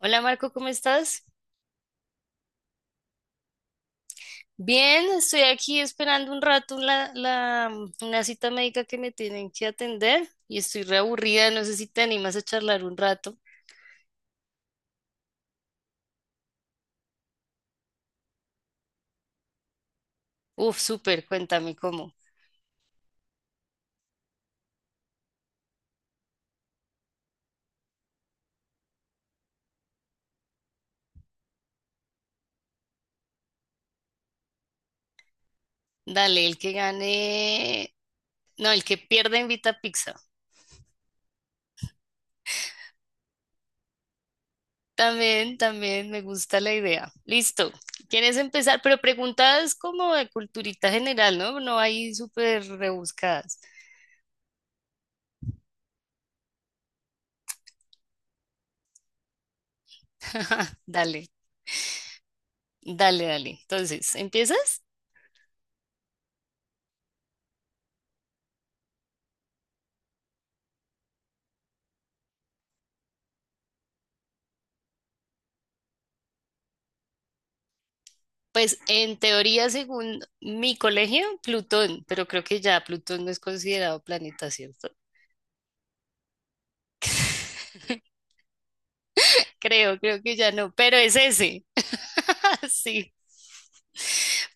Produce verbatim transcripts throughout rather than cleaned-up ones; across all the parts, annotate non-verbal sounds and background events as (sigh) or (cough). Hola Marco, ¿cómo estás? Bien, estoy aquí esperando un rato la, la- mm, una cita médica que me tienen que atender y estoy reaburrida, no sé si te animas a charlar un rato. Uf, súper, cuéntame cómo. Dale, el que gane, no, el que pierda invita a pizza. También, también me gusta la idea. Listo, ¿quieres empezar? Pero preguntas como de culturita general, ¿no? No hay súper rebuscadas. (laughs) Dale, dale, dale. Entonces, ¿empiezas? Pues en teoría, según mi colegio, Plutón, pero creo que ya Plutón no es considerado planeta, ¿cierto? Creo, creo que ya no, pero es ese. (laughs) Sí.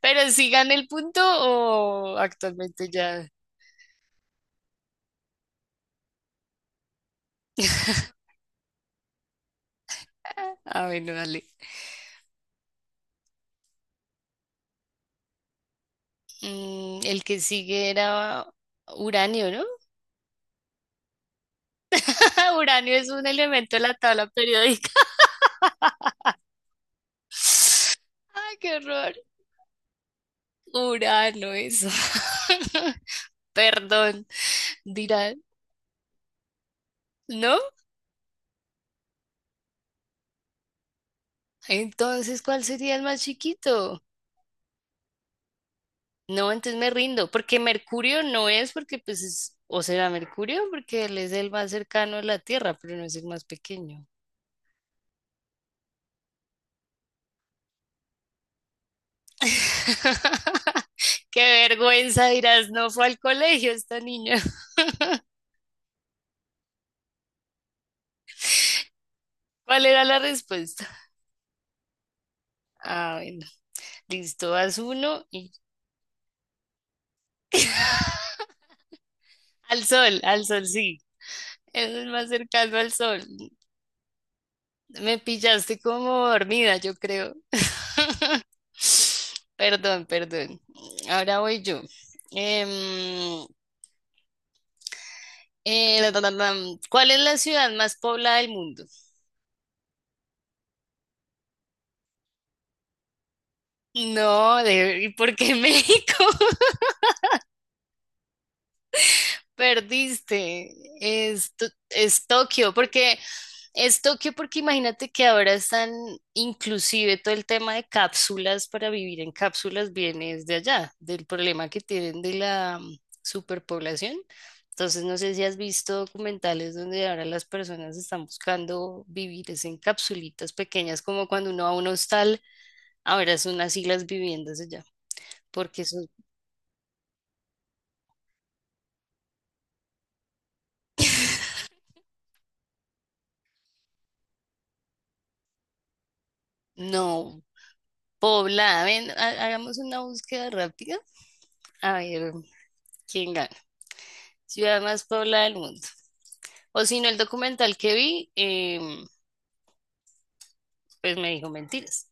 Pero si gana el punto o actualmente ya. Ah, bueno, dale. Mm, el que sigue era uranio, ¿no? (laughs) Uranio es un elemento de la tabla periódica. (laughs) ¡Ay, qué horror! Urano, eso. (laughs) Perdón, dirán, ¿no? Entonces, ¿cuál sería el más chiquito? No, entonces me rindo, porque Mercurio no es, porque pues es, o será Mercurio, porque él es el más cercano a la Tierra, pero no es el más pequeño. (laughs) Qué vergüenza, dirás, no fue al colegio esta niña. (laughs) ¿Cuál era la respuesta? Ah, bueno, listo, haz uno y (laughs) al sol, al sol, sí, es el más cercano al sol. Me pillaste como dormida, yo creo. (laughs) Perdón, perdón. Ahora voy yo. Em, eh, da, da, da, dam. ¿Cuál es la ciudad más poblada del mundo? No, de, ¿y por qué (laughs) México? Perdiste. Es, To- es Tokio, porque es Tokio, porque imagínate que ahora están inclusive todo el tema de cápsulas para vivir en cápsulas viene de allá, del problema que tienen de la mm, superpoblación. Entonces, no sé si has visto documentales donde ahora las personas están buscando vivir es en capsulitas pequeñas, como cuando uno va a un hostal, ahora son así las viviendas allá, porque eso no poblada. Ven, ha- hagamos una búsqueda rápida. A ver, ¿quién gana? Ciudad más poblada del mundo. O si no, el documental que vi, em, pues me dijo mentiras.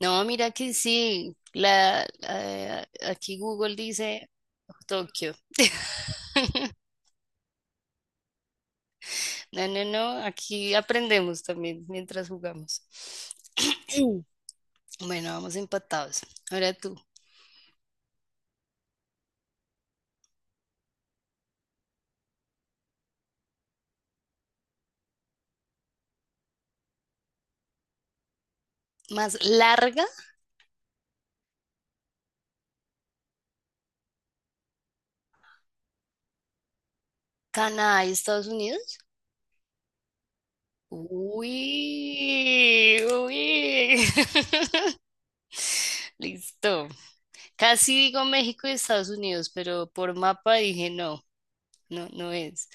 No, mira que sí. La, la- aquí Google dice Tokio. (laughs) No, no, no. Aquí aprendemos también mientras jugamos. (clears throat) Bueno, vamos empatados. Ahora tú. Más larga, Canadá y Estados Unidos. Uy, uy. (laughs) Listo. Casi digo México y Estados Unidos, pero por mapa dije no, no, no es.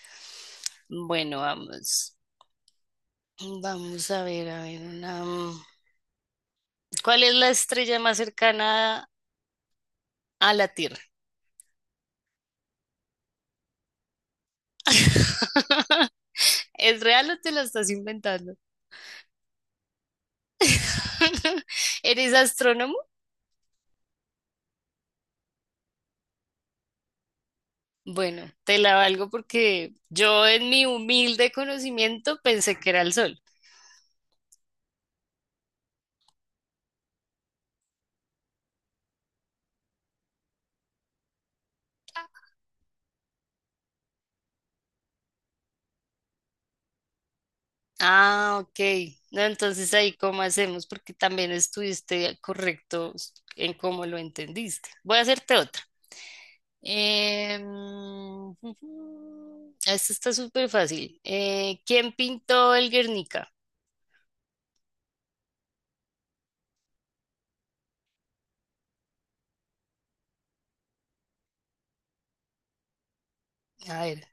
Bueno, vamos. Vamos a ver, a ver, una... mm, ¿cuál es la estrella más cercana a la Tierra? (laughs) ¿Es real o te la estás inventando? (laughs) ¿Eres astrónomo? Bueno, te la valgo porque yo en mi humilde conocimiento pensé que era el Sol. Ah, ok. No, entonces ahí cómo hacemos, porque también estuviste correcto en cómo lo entendiste. Voy a hacerte otra. Em, (laughs) Esta está súper fácil. Eh, ¿quién pintó el Guernica? A ver,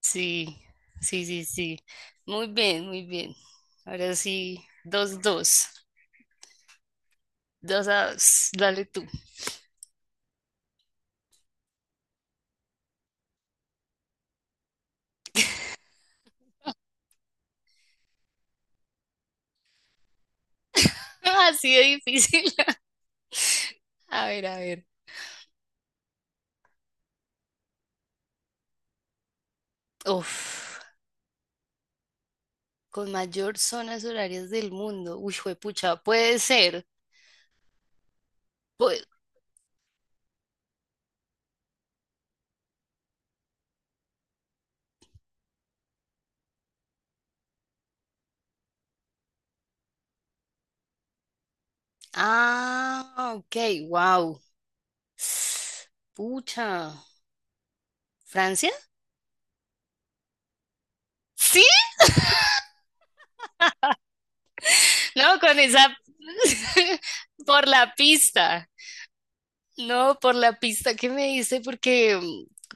sí, sí, sí, sí. Muy bien, muy bien. Ahora sí, dos dos. Dos a dos. Dale tú. (laughs) Así de difícil. (laughs) A ver, a ver. Uf. Con mayor zonas horarias del mundo. Uy, juepucha, puede ser. Pue- ah, ok, wow. Pucha. ¿Francia? Sí, no, con esa. (laughs) Por la pista. No, por la pista que me diste, porque,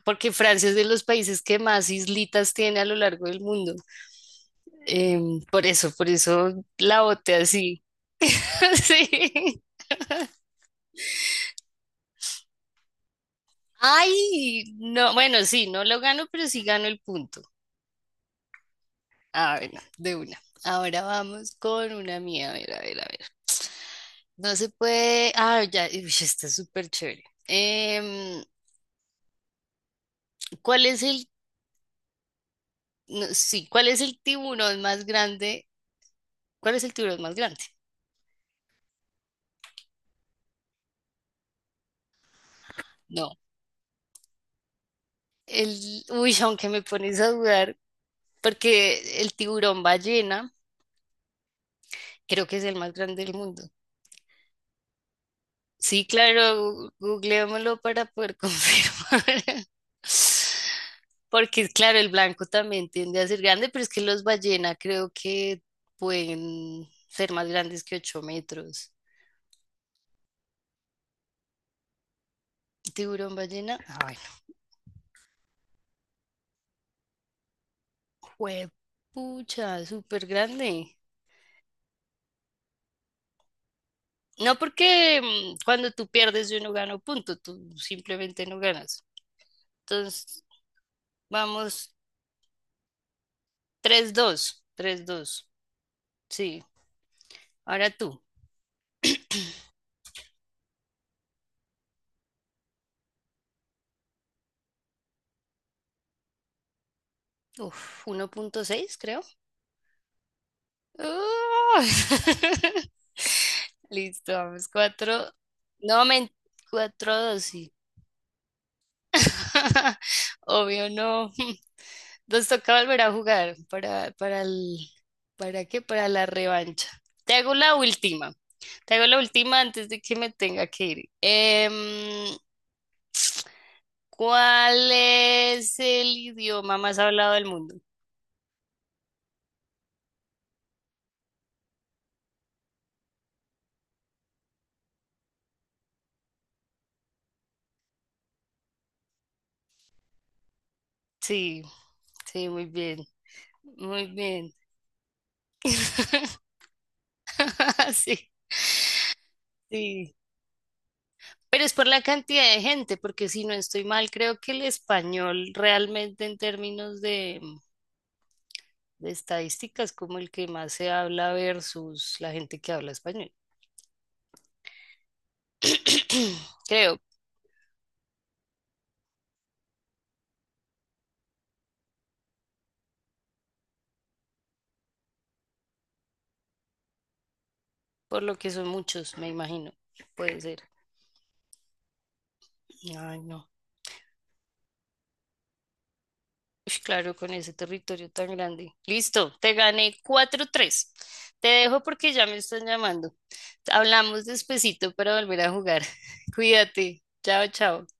porque Francia es de los países que más islitas tiene a lo largo del mundo. Em, por eso, por eso la boté así. (laughs) Sí. Ay, no, bueno, sí, no lo gano, pero sí gano el punto. A ver, de una. Ahora vamos con una mía. A ver, a ver, a ver. No se puede. Ah, ya, uy, está súper chévere. Em, ¿cuál es el. No, sí, ¿cuál es el tiburón más grande? ¿Cuál es el tiburón más grande? No. El. Uy, aunque me pones a dudar, porque el tiburón ballena creo que es el más grande del mundo. Sí, claro, gu- googleémoslo para poder (laughs) confirmar. Porque, claro, el blanco también tiende a ser grande, pero es que los ballena creo que pueden ser más grandes que ocho metros. Tiburón ballena, ah bueno, juepucha, súper grande. No porque mm, cuando tú pierdes yo no gano punto, tú simplemente no ganas. Entonces, vamos, tres dos, tres dos, sí. Ahora tú, uf, uno punto seis creo. Ah. (laughs) Listo, vamos. Cuatro. No, men- cuatro dos, sí. (laughs) Obvio, no. Nos toca volver a jugar para, para, el, ¿para qué? Para la revancha. Te hago la última. Te hago la última antes de que me tenga que ir. Em, ¿cuál es el idioma más hablado del mundo? Sí, sí, muy bien. Muy bien. (laughs) Sí, sí. Pero es por la cantidad de gente, porque si no estoy mal, creo que el español realmente en términos de, de estadísticas como el que más se habla versus la gente que habla español. (clears throat) Creo, por lo que son muchos, me imagino. Puede ser. Ay, no. Ush, claro, con ese territorio tan grande. Listo, te gané cuatro tres. Te dejo porque ya me están llamando. Hablamos despacito para volver a jugar. (laughs) Cuídate. Chao, chao.